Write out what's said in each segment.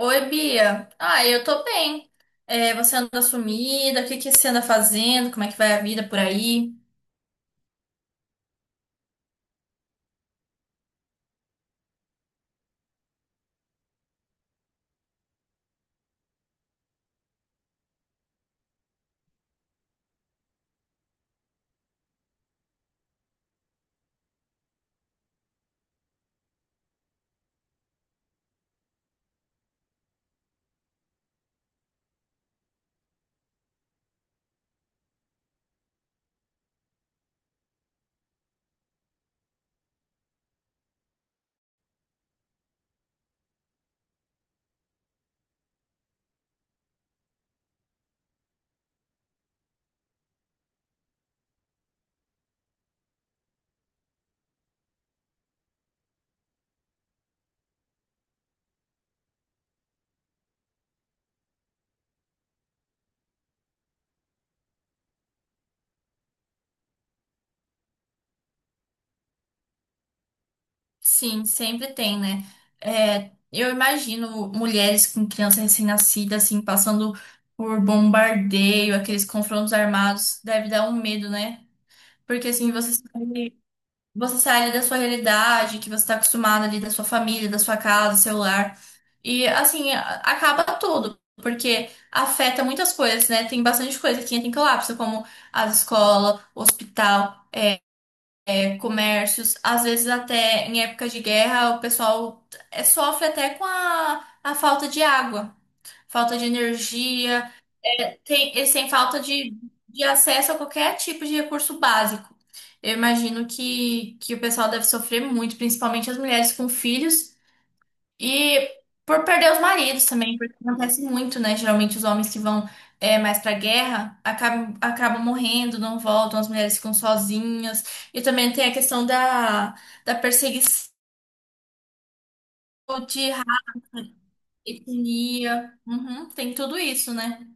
Oi, Bia. Ah, eu tô bem. É, você anda sumida? O que que você anda fazendo? Como é que vai a vida por aí? Sim, sempre tem, né? É, eu imagino mulheres com criança recém-nascida, assim, passando por bombardeio, aqueles confrontos armados, deve dar um medo, né? Porque, assim, você sabe. Você sai ali da sua realidade, que você tá acostumado ali da sua família, da sua casa, do seu lar. E assim, acaba tudo, porque afeta muitas coisas, né? Tem bastante coisa que entra em colapso, como as escola hospital, comércios, às vezes até em época de guerra, o pessoal sofre até com a falta de água, falta de energia. Eles têm falta de acesso a qualquer tipo de recurso básico. Eu imagino que o pessoal deve sofrer muito, principalmente as mulheres com filhos e por perder os maridos também, porque acontece muito, né? Geralmente os homens que vão mais pra guerra acabam morrendo, não voltam, as mulheres ficam sozinhas. E também tem a questão da perseguição de raça, etnia. Uhum, tem tudo isso, né?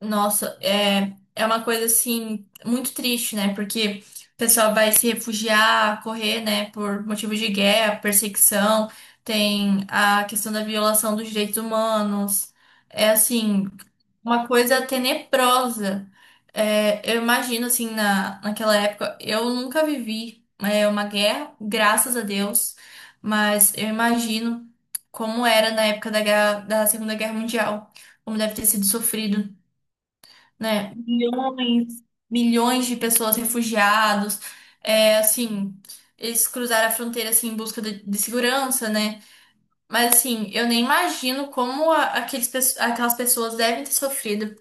Nossa, é uma coisa assim muito triste, né? Porque o pessoal vai se refugiar, correr, né, por motivos de guerra, perseguição, tem a questão da violação dos direitos humanos. É assim, uma coisa tenebrosa. É, eu imagino assim naquela época, eu nunca vivi uma guerra, graças a Deus, mas eu imagino como era na época da Segunda Guerra Mundial, como deve ter sido sofrido né? Milhões, milhões de pessoas refugiados, assim, eles cruzaram a fronteira assim em busca de segurança, né? Mas assim, eu nem imagino como aquelas pessoas devem ter sofrido.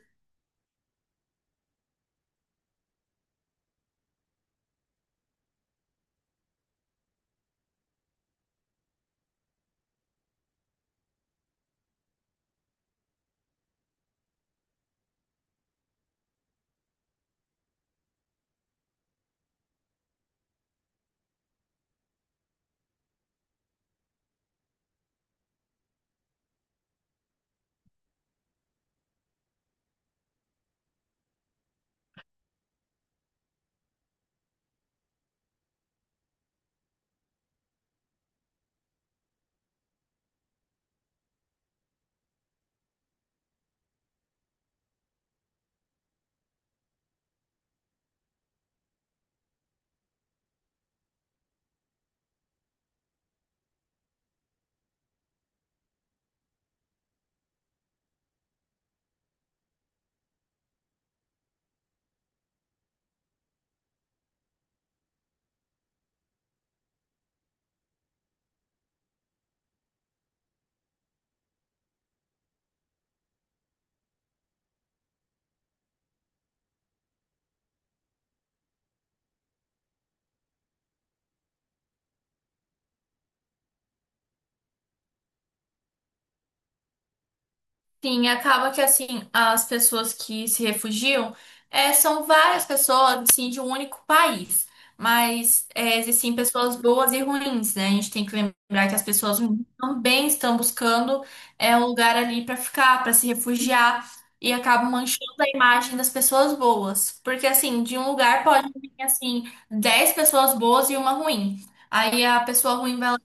Sim, acaba que assim, as pessoas que se refugiam são várias pessoas assim, de um único país. Mas existem pessoas boas e ruins, né? A gente tem que lembrar que as pessoas ruins também estão buscando um lugar ali para ficar, para se refugiar, e acabam manchando a imagem das pessoas boas. Porque assim, de um lugar pode vir assim, 10 pessoas boas e uma ruim. Aí a pessoa ruim vai lá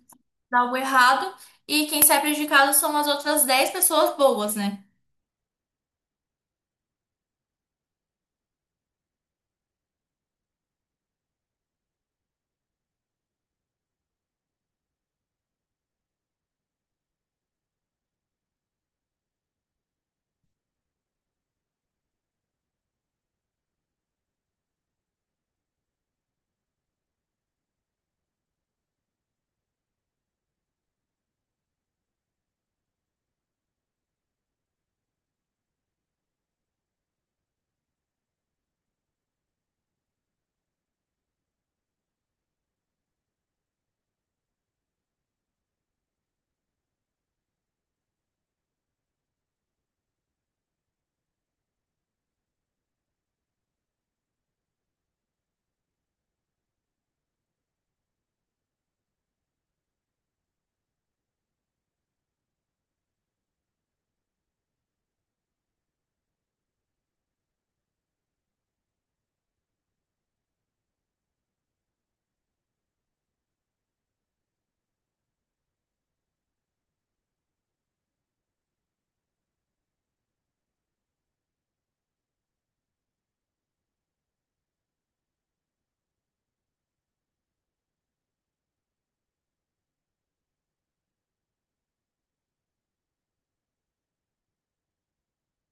e algo errado, e quem sai prejudicado são as outras 10 pessoas boas, né?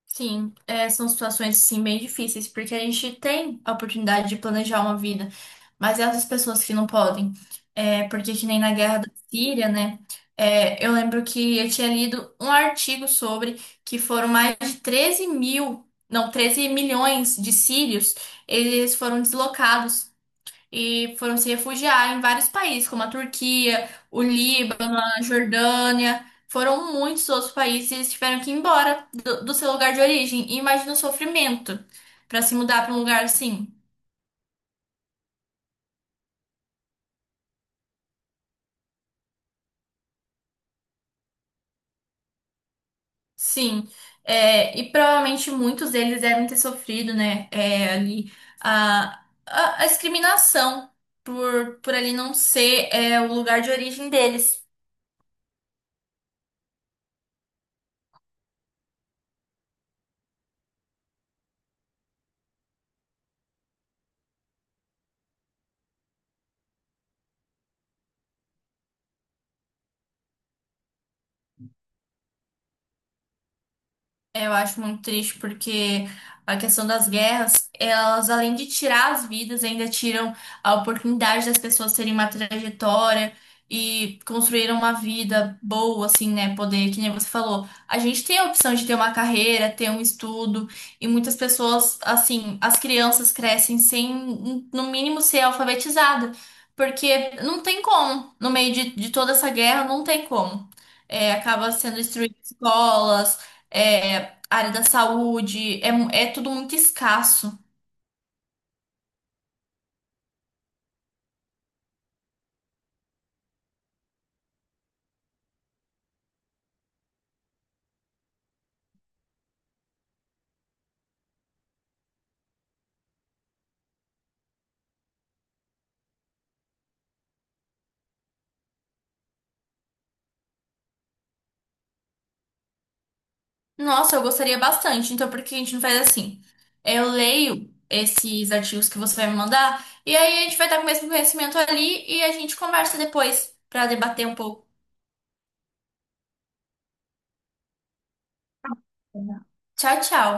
Sim, são situações assim bem difíceis, porque a gente tem a oportunidade de planejar uma vida, mas e as pessoas que não podem? É, porque que nem na guerra da Síria, né? É, eu lembro que eu tinha lido um artigo sobre que foram mais de 13.000, não, 13 milhões de sírios, eles foram deslocados e foram se refugiar em vários países, como a Turquia, o Líbano, a Jordânia. Foram muitos outros países e eles tiveram que ir embora do seu lugar de origem. E imagina o sofrimento para se mudar para um lugar assim. Sim. É, e provavelmente muitos deles devem ter sofrido, né? é, ali a discriminação por ali não ser o lugar de origem deles. É, eu acho muito triste porque a questão das guerras, elas além de tirar as vidas, ainda tiram a oportunidade das pessoas terem uma trajetória e construírem uma vida boa, assim, né? Poder, que nem você falou, a gente tem a opção de ter uma carreira, ter um estudo, e muitas pessoas, assim, as crianças crescem sem, no mínimo, ser alfabetizada, porque não tem como, no meio de toda essa guerra, não tem como. É, acaba sendo destruídas escolas. é, a área da saúde, é tudo muito escasso. Nossa, eu gostaria bastante. Então, por que a gente não faz assim? Eu leio esses artigos que você vai me mandar, e aí a gente vai estar com o mesmo conhecimento ali e a gente conversa depois para debater um pouco. Tchau, tchau.